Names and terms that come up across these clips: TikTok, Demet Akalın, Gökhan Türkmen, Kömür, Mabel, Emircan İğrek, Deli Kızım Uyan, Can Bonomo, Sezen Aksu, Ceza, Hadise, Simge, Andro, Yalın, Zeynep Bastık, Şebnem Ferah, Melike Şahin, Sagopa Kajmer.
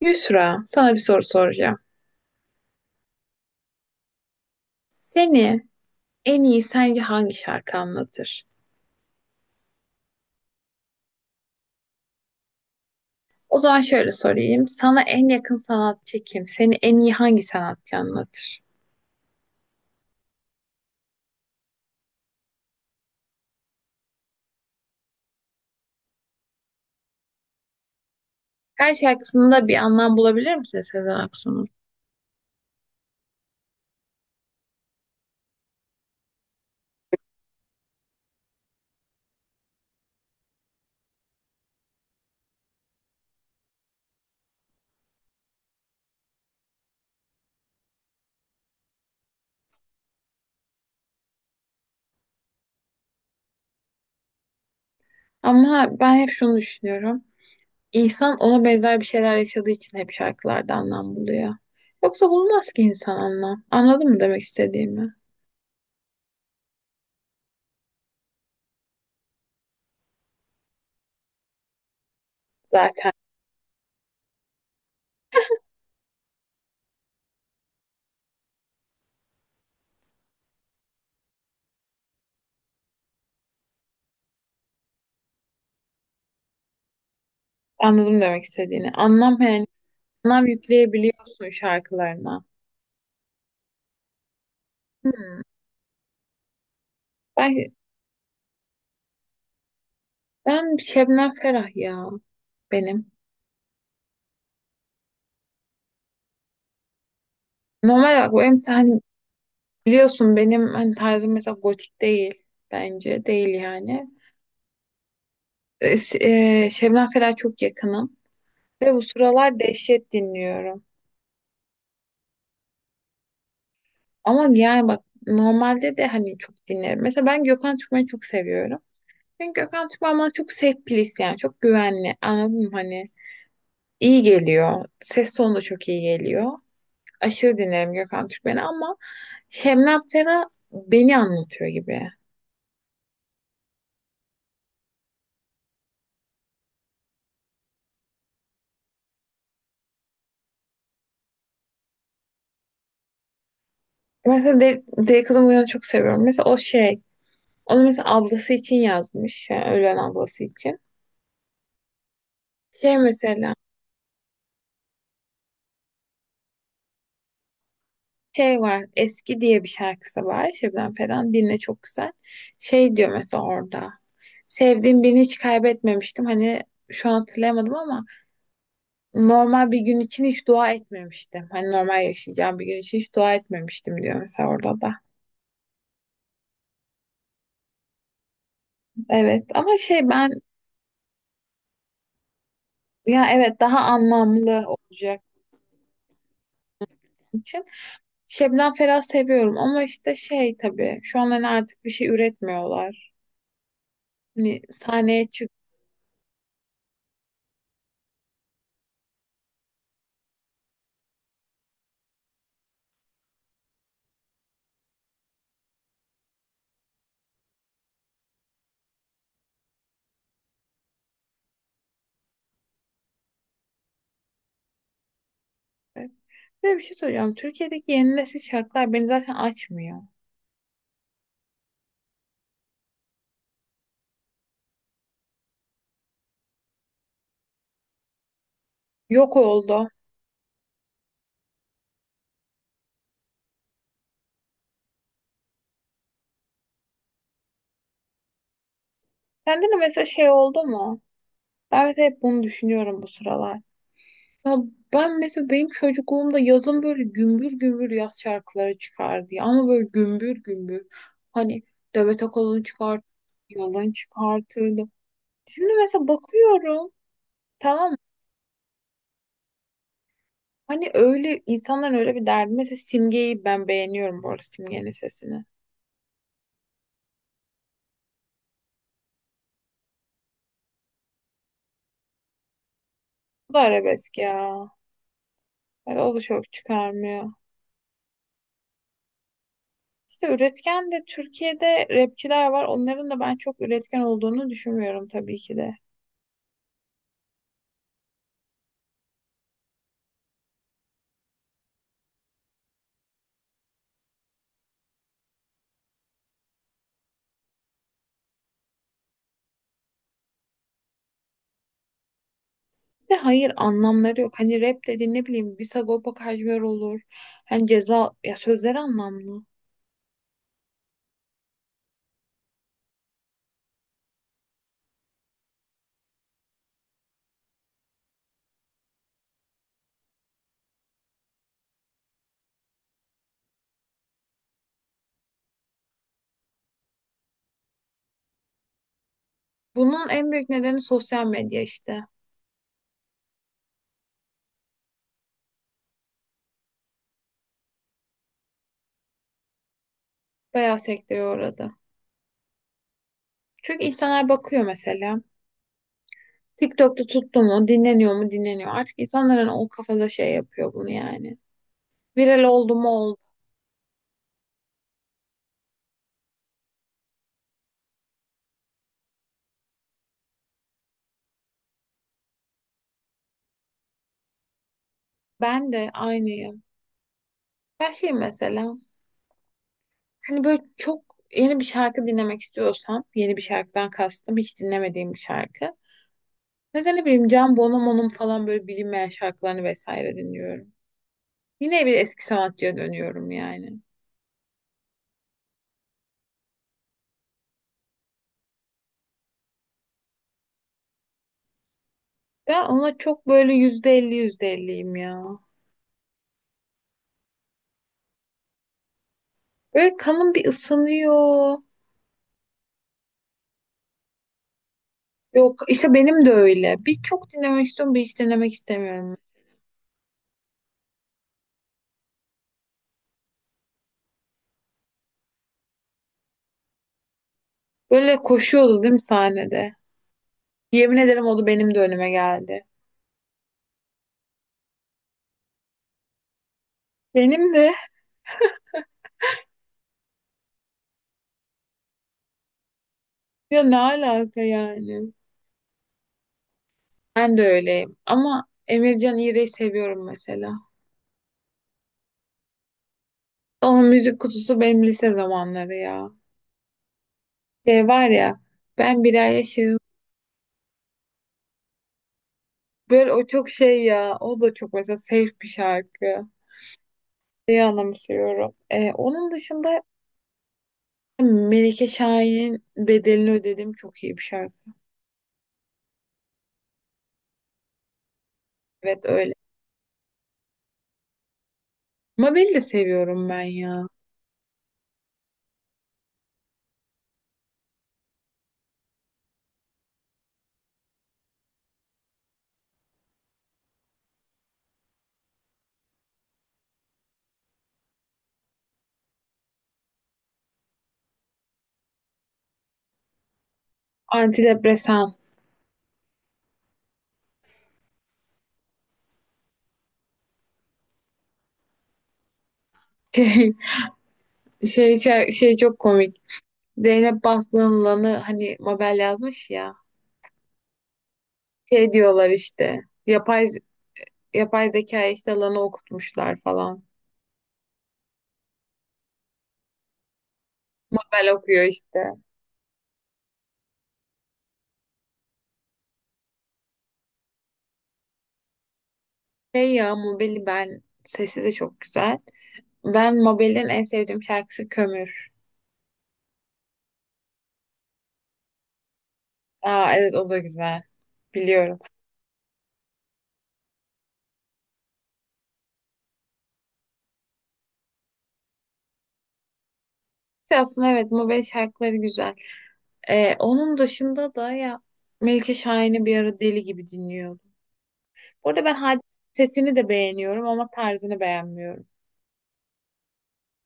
Yusra, sana bir soru soracağım. Seni en iyi sence hangi şarkı anlatır? O zaman şöyle sorayım. Sana en yakın sanatçı kim? Seni en iyi hangi sanatçı anlatır? Her şarkısında bir anlam bulabilir misin Sezen Aksu'nun? Ama ben hep şunu düşünüyorum. İnsan ona benzer bir şeyler yaşadığı için hep şarkılarda anlam buluyor. Yoksa bulmaz ki insan anlam. Anladın mı demek istediğimi? Zaten anladım demek istediğini. Anlam yani anlam yükleyebiliyorsun şarkılarına. Hmm. Ben Ben Şebnem Ferah ya benim. Normal olarak bu benim hani biliyorsun benim hani tarzım mesela gotik değil bence değil yani. E, s- Şebnem Ferah çok yakınım ve bu sıralar dehşet dinliyorum. Ama yani bak normalde de hani çok dinlerim. Mesela ben Gökhan Türkmen'i çok seviyorum. Çünkü Gökhan Türkmen bana çok safe place, yani çok güvenli, anladın mı hani iyi geliyor. Ses tonu da çok iyi geliyor. Aşırı dinlerim Gökhan Türkmen'i ama Şebnem Ferah beni anlatıyor gibi. Mesela de, Deli Kızım Uyan'ı çok seviyorum. Mesela o şey, onu mesela ablası için yazmış. Yani ölen ablası için. Şey mesela, şey var, Eski diye bir şarkısı var. Şebnem Ferah'ın dinle çok güzel. Şey diyor mesela orada. Sevdiğim birini hiç kaybetmemiştim. Hani şu an hatırlayamadım ama normal bir gün için hiç dua etmemiştim. Hani normal yaşayacağım bir gün için hiç dua etmemiştim diyor mesela orada da. Evet ama şey ben. Ya evet daha anlamlı olacak için. Şebnem Ferah seviyorum ama işte şey tabii şu an hani artık bir şey üretmiyorlar. Hani sahneye çıktı. Bir de bir şey soracağım. Türkiye'deki yeni nesil şarkılar beni zaten açmıyor. Yok oldu. Sende de mesela şey oldu mu? Ben mesela hep bunu düşünüyorum bu sıralar. Ya ben mesela benim çocukluğumda yazın böyle gümbür gümbür yaz şarkıları çıkardı ya. Ama böyle gümbür gümbür. Hani Demet Akalın çıkarttı. Yalın çıkartırdı. Şimdi mesela bakıyorum, tamam mı? Hani öyle insanların öyle bir derdi. Mesela Simge'yi ben beğeniyorum bu arada, Simge'nin sesini. Bu da arabesk ya. Böyle o da çok çıkarmıyor. İşte üretken de Türkiye'de rapçiler var. Onların da ben çok üretken olduğunu düşünmüyorum tabii ki de. Bir de hayır anlamları yok. Hani rap dediğin ne bileyim bir Sagopa Kajmer olur. Hani ceza ya, sözleri anlamlı. Bunun en büyük nedeni sosyal medya işte. Bayağı sekteye uğradı. Çünkü insanlar bakıyor mesela. TikTok'ta tuttu mu, dinleniyor mu, dinleniyor. Artık insanların o kafada şey yapıyor bunu yani. Viral oldu mu oldu. Ben de aynıyım. Ben şey mesela hani böyle çok yeni bir şarkı dinlemek istiyorsam, yeni bir şarkıdan kastım hiç dinlemediğim bir şarkı. Mesela ne bileyim Can Bonomo'nun falan böyle bilinmeyen şarkılarını vesaire dinliyorum. Yine bir eski sanatçıya dönüyorum yani. Ben ona çok böyle yüzde elli yüzde elliyim ya. Böyle kanım bir ısınıyor. Yok işte benim de öyle. Bir çok dinlemek istiyorum, bir hiç dinlemek istemiyorum. Böyle koşuyordu değil mi sahnede? Yemin ederim o da benim de önüme geldi. Benim de. Ya ne alaka yani? Ben de öyleyim. Ama Emircan İğrek'i seviyorum mesela. Onun müzik kutusu benim lise zamanları ya. Şey var ya, ben bir ay yaşım. Böyle o çok şey ya. O da çok mesela safe bir şarkı. Şeyi anımsıyorum. Onun dışında Melike Şahin'in bedelini ödedim çok iyi bir şarkı. Evet öyle. Mabel'i de seviyorum ben ya. Antidepresan. Şey, şey çok komik. Zeynep Bastık'ın lanı hani Mabel yazmış ya. Şey diyorlar işte. Yapay yapay zeka işte lanı okutmuşlar falan. Mabel okuyor işte. Şey ya, Mabel'i ben sesi de çok güzel. Ben Mabel'in en sevdiğim şarkısı Kömür. Aa evet, o da güzel. Biliyorum. Şey aslında evet mobil şarkıları güzel. Onun dışında da ya Melike Şahin'i bir ara deli gibi dinliyordum. Bu arada ben Hadise'nin sesini de beğeniyorum ama tarzını beğenmiyorum.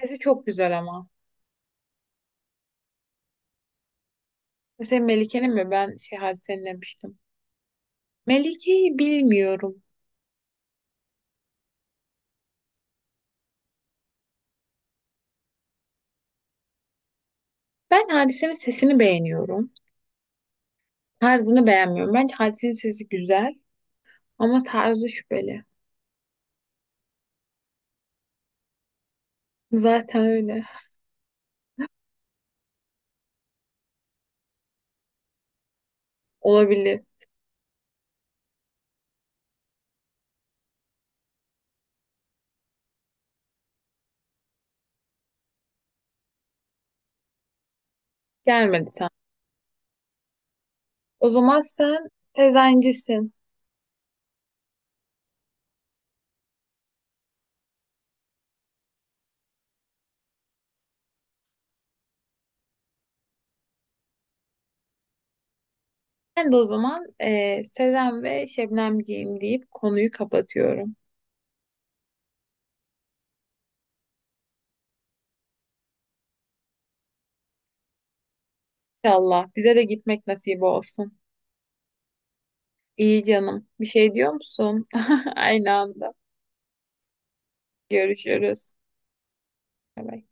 Sesi çok güzel ama. Mesela Melike'nin mi? Ben şey Hadise'nin demiştim. Melike'yi bilmiyorum. Ben Hadise'nin sesini beğeniyorum. Tarzını beğenmiyorum. Bence Hadise'nin sesi güzel ama tarzı şüpheli. Zaten öyle. Olabilir. Gelmedi sen. O zaman sen Sezencisin. Ben de o zaman Sezen ve Şebnemciğim deyip konuyu kapatıyorum. İnşallah bize de gitmek nasip olsun. İyi canım. Bir şey diyor musun? Aynı anda. Görüşürüz. Bay bay.